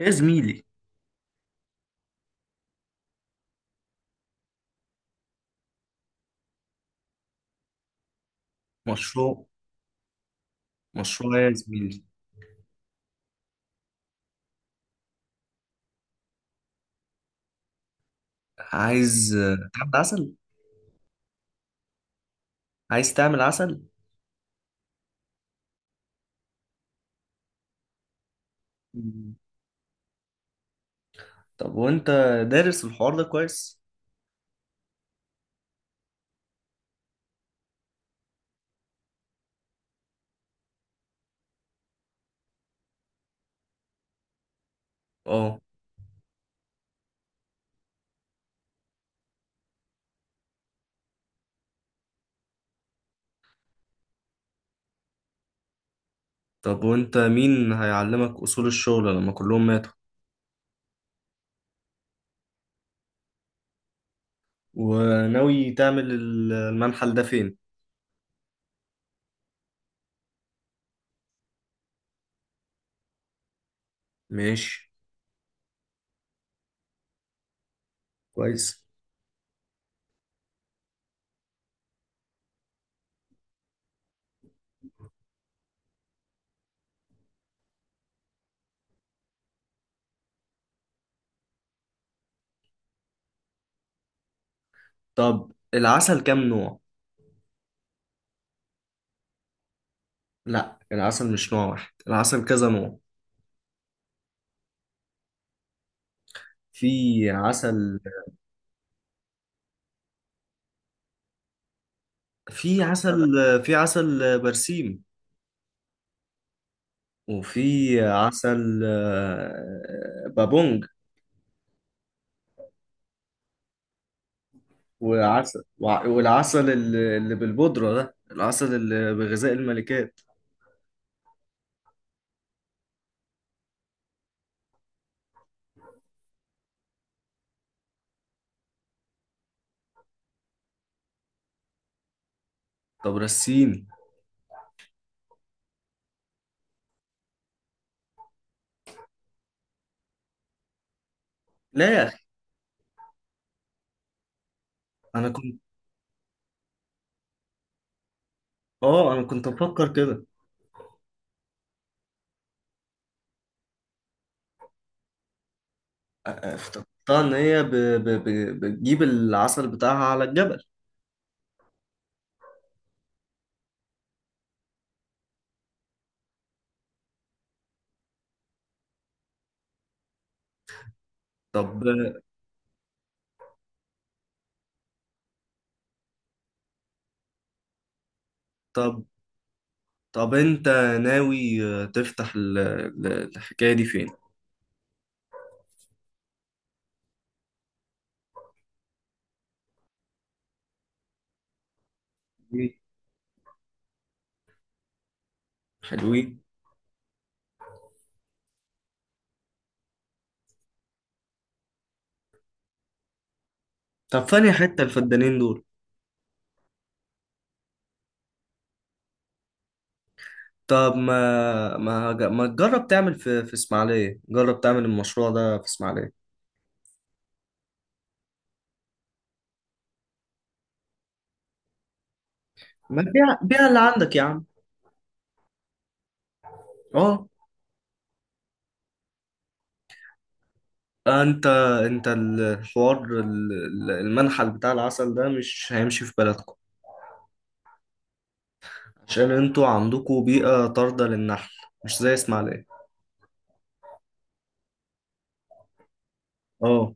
يا زميلي، مشروع مشروع يا زميلي. عايز تعمل عسل. عايز تعمل عسل. مم. طب وانت دارس الحوار ده كويس؟ اه. طب وانت مين هيعلمك اصول الشغل لما كلهم ماتوا؟ وناوي تعمل المنحل ده فين؟ ماشي. كويس. طب العسل كام نوع؟ لا، العسل مش نوع واحد، العسل كذا نوع. في عسل في عسل في عسل برسيم، وفي عسل بابونج، وعسل والعسل اللي بالبودرة، ده العسل اللي بغذاء الملكات. طب رسيني. لا يا أخي. أنا كنت أنا كنت بفكر كده. افتكرتها إن هي بتجيب العسل بتاعها على الجبل. طب طب طب أنت ناوي تفتح الحكاية دي فين؟ حلوين. طب فين حتة الفدانين دول؟ طب ما تجرب تعمل في اسماعيلية، جرب تعمل المشروع ده في اسماعيلية. ما بيع بيع اللي عندك يا عم. اه. انت انت الحوار المنحل بتاع العسل ده مش هيمشي في بلدكم. عشان انتوا عندكم بيئة طاردة للنحل، مش زي اسماعيلية. اه.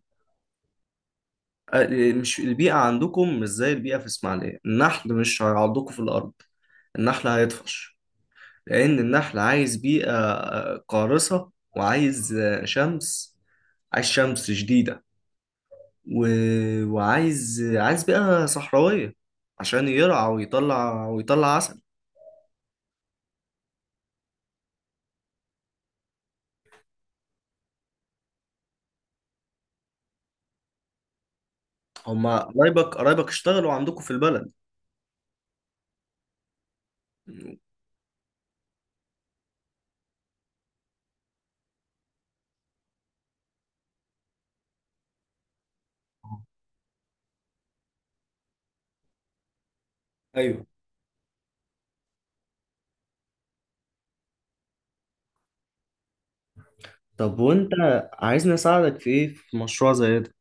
مش البيئة عندكم مش زي البيئة في اسماعيلية، النحل مش هيعضكم في الأرض. النحل هيطفش، لأن النحل عايز بيئة قارصة، وعايز شمس، عايز شمس شديدة، و... وعايز عايز بيئة صحراوية عشان يرعى ويطلع عسل. هما قرايبك، قرايبك اشتغلوا عندكم في البلد. ايوه. طب وانت عايزني اساعدك في ايه، في مشروع زي ده؟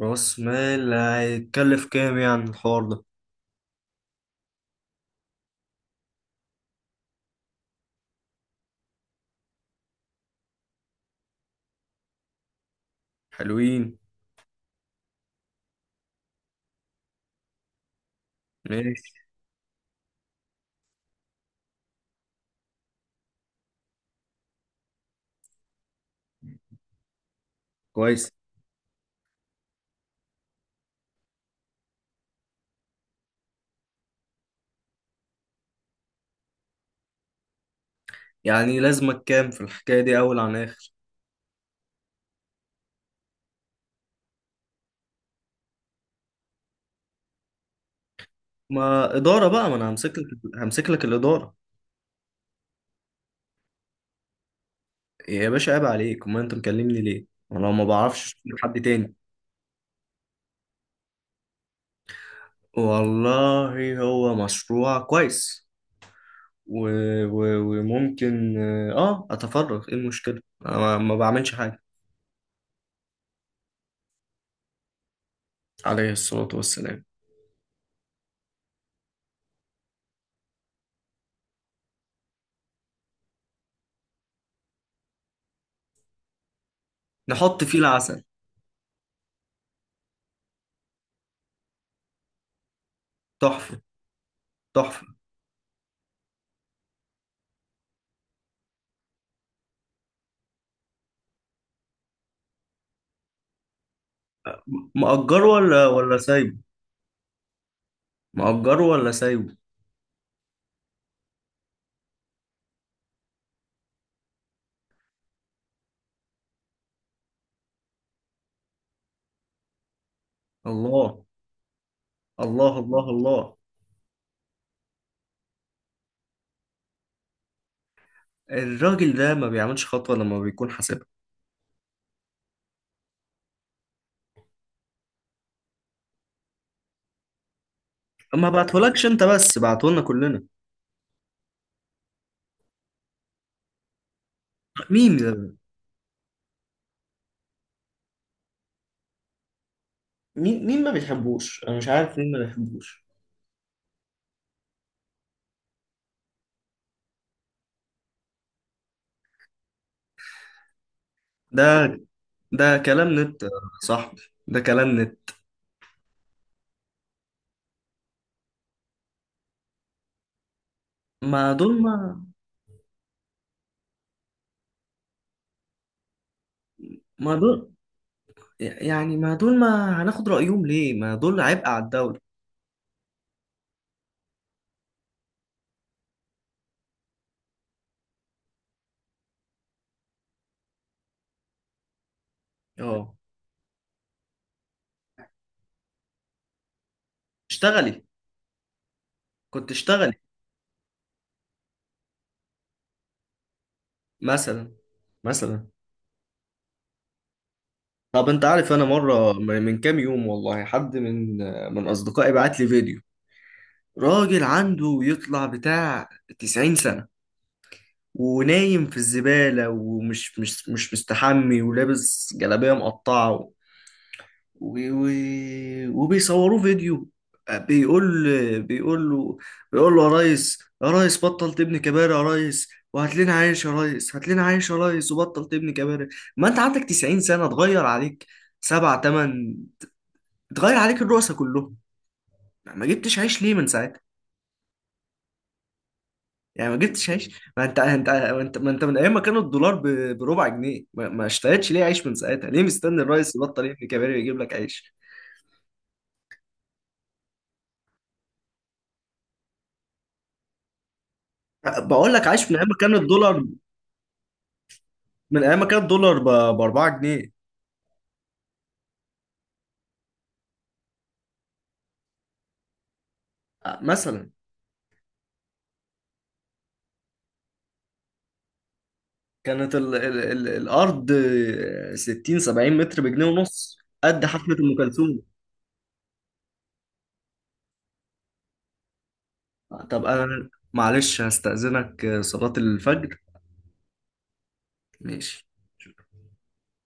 راس مال هيتكلف كام يعني الحوار ده؟ حلوين. ماشي. كويس. يعني لازمك كام في الحكاية دي اول عن اخر؟ ما إدارة بقى، ما أنا همسك لك، همسك لك الإدارة. يا باشا عيب عليك، أمال أنت مكلمني ليه؟ أنا لو ما بعرفش أشوف لك حد تاني. والله هو مشروع كويس، و... و... وممكن. اه اتفرغ، ايه المشكلة، انا ما بعملش حاجة. عليه الصلاة والسلام. نحط فيه العسل. تحفة. تحفة. مأجره ولا سايبه؟ مأجره ولا سايبه؟ الله. الله الله الله. الراجل ده ما بيعملش خطوة لما بيكون حاسبها. ما بعتهولكش انت بس، بعتهولنا كلنا. مين ده؟ مين ما بيحبوش؟ انا مش عارف مين ما بيحبوش. ده ده كلام نت يا صاحبي، ده كلام نت. ما دول ما ما دول، يعني ما دول ما هناخد رأيهم ليه، ما دول عبء على الدولة. اه. اشتغلي. كنت اشتغلي. مثلا. مثلا. طب انت عارف، انا مرة من كام يوم، والله حد من اصدقائي بعت لي فيديو، راجل عنده يطلع بتاع 90 سنة، ونايم في الزبالة، ومش مش مش مستحمي، ولابس جلابية مقطعة، وبيصوروه فيديو. بيقول له، بيقول له: يا ريس يا ريس بطل تبني كباري يا ريس، وهات لنا عيش يا ريس، هات لنا عيش يا ريس، وبطل تبني كباري. ما انت عندك 90 سنة، اتغير عليك سبع تمن، اتغير عليك الرؤساء كلهم. يعني ما جبتش عيش ليه من ساعتها؟ يعني ما جبتش عيش، ما انت ما انت من ايام ما كان الدولار بربع جنيه، ما اشتريتش ليه عيش من ساعتها؟ ليه مستني الريس يبطل يبني كباري ويجيب لك عيش؟ بقول لك عايش من ايام ما كان الدولار، من ايام ما كان الدولار ب 4 جنيه. مثلا. كانت ال ال ال الارض 60 70 متر بجنيه ونص، قد حفله ام كلثوم. طب انا معلش هستأذنك، صلاه الفجر. ماشي.